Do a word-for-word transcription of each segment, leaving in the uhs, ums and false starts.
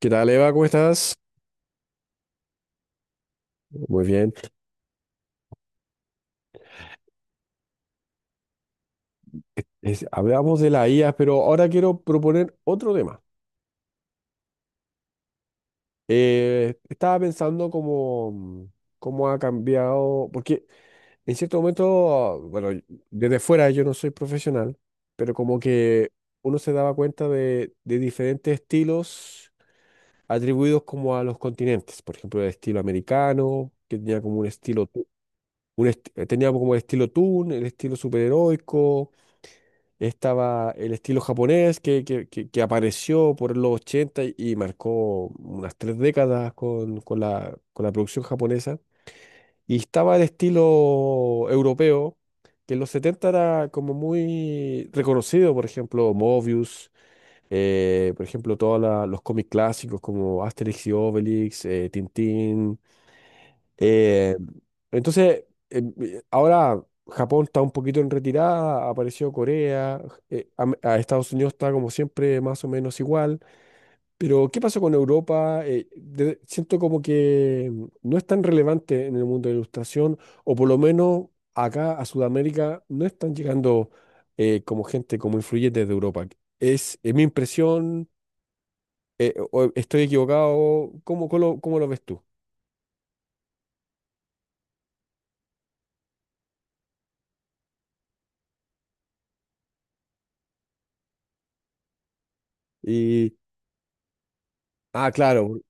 ¿Qué tal, Eva? ¿Cómo estás? Muy bien. Es- hablamos de la I A, pero ahora quiero proponer otro tema. Eh, estaba pensando cómo, cómo ha cambiado, porque en cierto momento, bueno, y- desde fuera yo no soy profesional, pero como que uno se daba cuenta de, de diferentes estilos atribuidos como a los continentes. Por ejemplo, el estilo americano, que tenía como un estilo, tu- un esti- tenía como el estilo toon, el estilo superheroico. Estaba el estilo japonés que, que- que- que apareció por los ochenta y, y marcó unas tres décadas con, con la, con la producción japonesa. Y estaba el estilo europeo, que en los setenta era como muy reconocido, por ejemplo, Mobius, eh, por ejemplo, todos los cómics clásicos como Asterix y Obelix, eh, Tintín. eh, entonces, em, eh, ahora Japón está un poquito en retirada, apareció Corea. Eh, a, a Estados Unidos está como siempre más o menos igual, pero ¿qué pasó con Europa? Eh, de- siento como que mm, no es tan relevante en el mundo de la ilustración, o por lo menos acá a Sudamérica no están llegando eh, como gente, como influyentes de Europa. Es, es mi impresión. Eh, o- ¿estoy equivocado? ¿cómo, cómo lo, cómo lo ves tú? Y, ah, claro.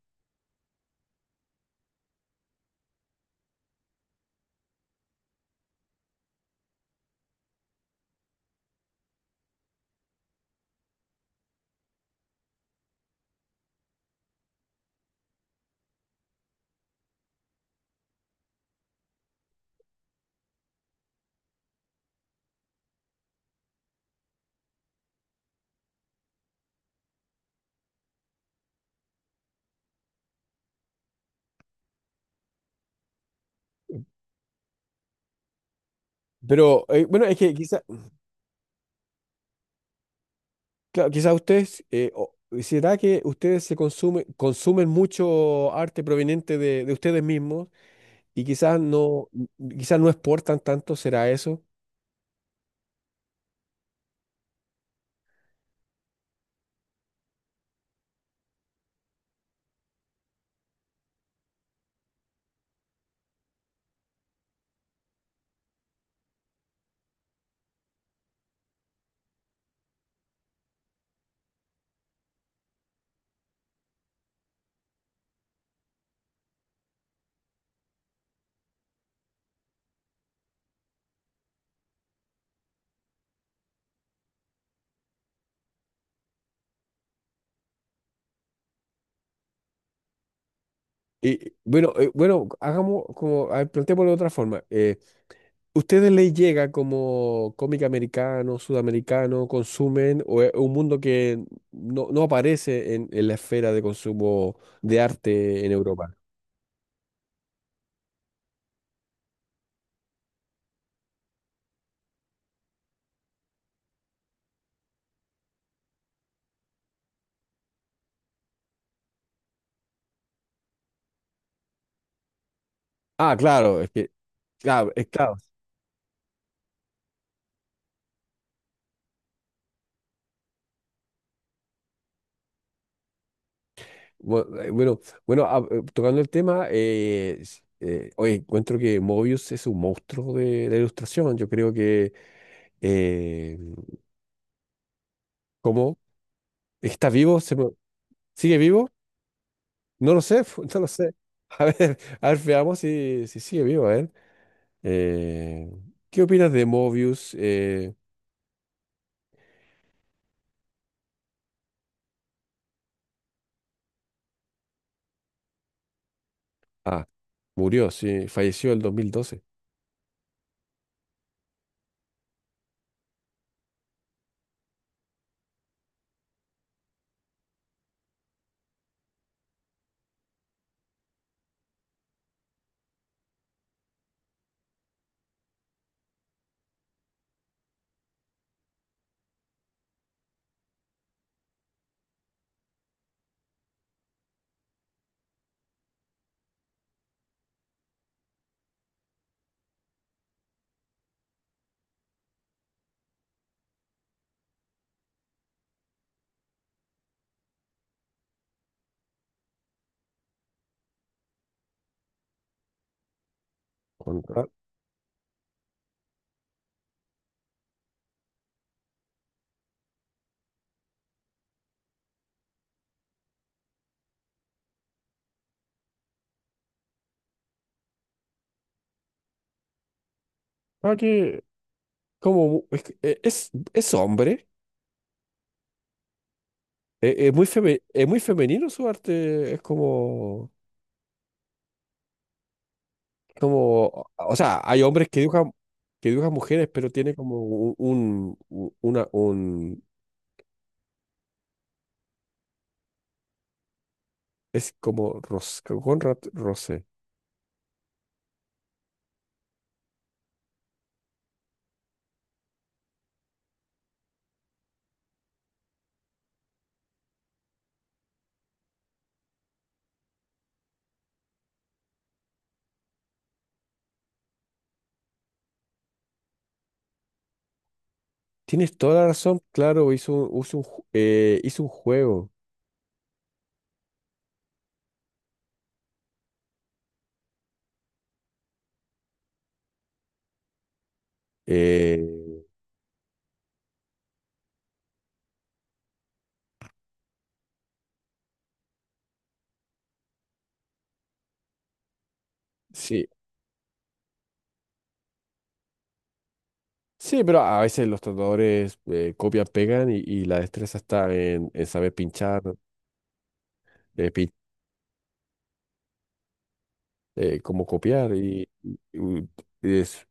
Pero eh, bueno, es que quizás quizá ustedes, eh, o- ¿será que ustedes se consumen, consumen mucho arte proveniente de, de ustedes mismos y quizás no, quizás no exportan tanto? ¿Será eso? Y bueno, eh, bueno, hagamos como, a ver, planteémoslo de otra forma. Eh, ¿ustedes les llega como cómic americano, sudamericano, consumen, o es un mundo que no, no aparece en, en la esfera de consumo de arte en Europa? Ah, claro, es que, claro, es claro. Bu- eh, Bueno, bueno, ah, eh, tocando el tema, eh, s- eh, oye, encuentro que Mobius es un monstruo de la ilustración. Yo creo que. eh, ¿Cómo? ¿Está vivo? ¿Se mo- ¿Sigue vivo? No lo sé, no lo sé. A ver, a ver, veamos si, si sigue vivo. A ver, Eh, ¿Qué opinas de Mobius? Eh, ah, Murió, sí, falleció el dos mil doce. Con- Ah, ah, que, ¿cómo? mu- Es, que, eh, es, es hombre? Es, es muy feme- es muy femenino su arte, es como, como, o sea, hay hombres que dibujan, que dibujan mujeres, pero tiene como un, un- u- una, un, es como Ros, Conrad Rose. Tienes toda la razón, claro, hizo, un, hizo un ju- eh, hizo un juego. Eh, sí, sí, pero a veces los tatuadores eh, copian, pegan, y, y la destreza está en, en saber pinchar, eh, pin- eh, cómo copiar, y, y- y es-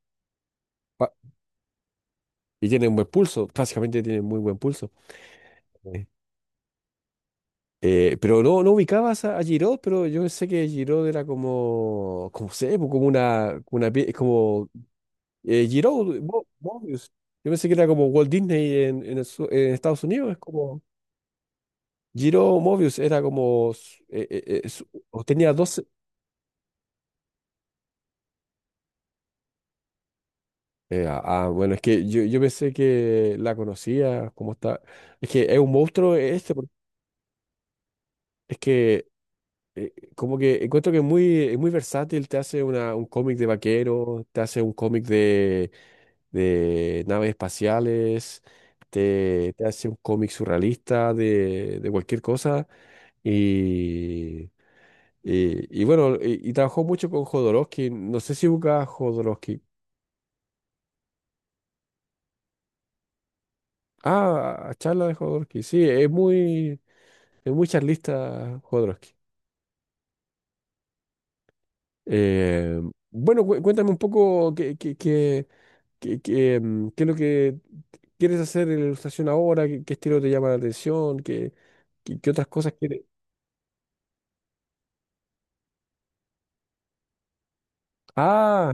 Y tiene un buen pulso, básicamente tiene muy buen pulso. Sí. Eh, pero no, no ubicabas a, a Giroud, pero yo sé que Giroud era como, como sé, pues, como una, como una pie- como eh, Giroud, Mo- Mobius. Yo pensé que era como Walt Disney en, en el su- en Estados Unidos, es como Giroud Mobius, era como, su- eh, eh, eh, su- o tenía doce. Eh, ah, ah, bueno, es que yo, yo pensé que la conocía, como está. Es que es un monstruo este, porque es que eh, como que encuentro que es muy, es muy versátil, te hace una, un cómic de vaqueros, te hace un cómic de, de naves espaciales, te, te hace un cómic surrealista de, de cualquier cosa. Y, y, y bueno, y, y trabajó mucho con Jodorowsky. No sé si busca a Jodorowsky. Ah, charla de Jodorowsky. Sí, es muy, es muy, charlista Jodorowsky. Eh, bueno, cué- cuéntame un poco qué, qué, qué- ¿Qué, qué, mm, qué es lo que quieres hacer en la ilustración ahora? ¿Qué, qué estilo te llama la atención? ¿Qué, qué, qué otras cosas quieres? Ah,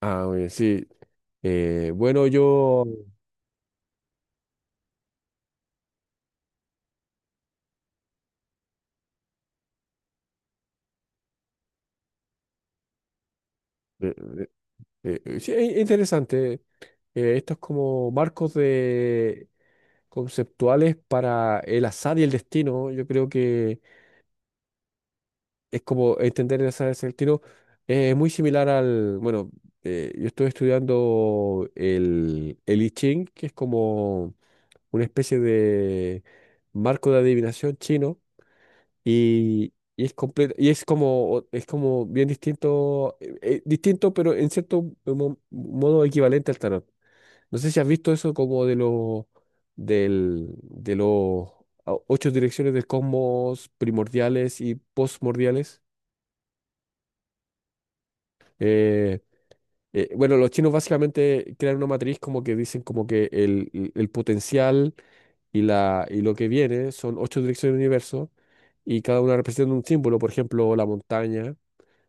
ah, Muy bien, sí. Eh, bueno, yo... eh, eh, eh, eh, sí, es interesante. Eh, estos como marcos de conceptuales para el azar y el destino. Yo creo que es como entender el azar y el destino. eh, Es muy similar al... Bueno, eh, yo estoy estudiando el, el I Ching, que es como una especie de marco de adivinación chino, y, y es completo y es como es como bien distinto eh, eh, distinto pero en cierto mo- modo equivalente al tarot. No sé si has visto eso como de los del de los o- ocho direcciones del cosmos primordiales y postmordiales. Eh, eh, bueno, los chinos básicamente crean una matriz, como que dicen como que el, el el potencial, y, la, y lo que viene son ocho direcciones del universo, y cada una representa un símbolo, por ejemplo, la montaña,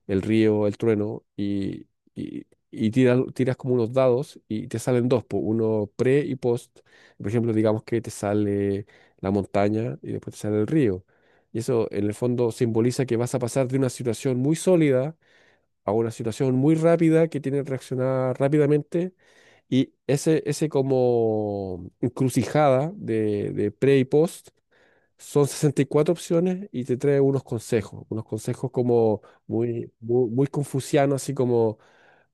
el río, el trueno. Y, y, y tiras, tiras como unos dados y te salen dos, po, uno pre y post. Por ejemplo, digamos que te sale la montaña y después te sale el río. Y eso en el fondo simboliza que vas a pasar de una situación muy sólida a una situación muy rápida que tiene que reaccionar rápidamente, y ese, ese como encrucijada de, de pre y post son sesenta y cuatro opciones y te trae unos consejos, unos consejos como muy, muy, muy confucianos, así como,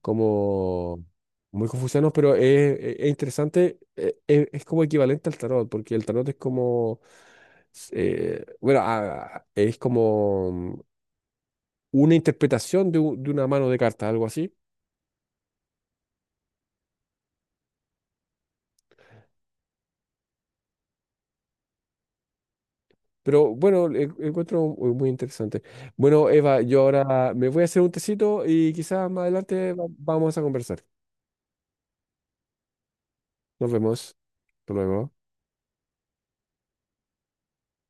como muy confucianos. Pero es, es- es interesante, eh, es, es como equivalente al tarot, porque el tarot es como, eh, bueno, ah, es como una interpretación de, u- de una mano de cartas, algo así. Pero bueno, en- encuentro muy muy interesante. Bueno, Eva, yo ahora me voy a hacer un tecito y quizás más adelante va- vamos a conversar. Nos vemos. Hasta luego.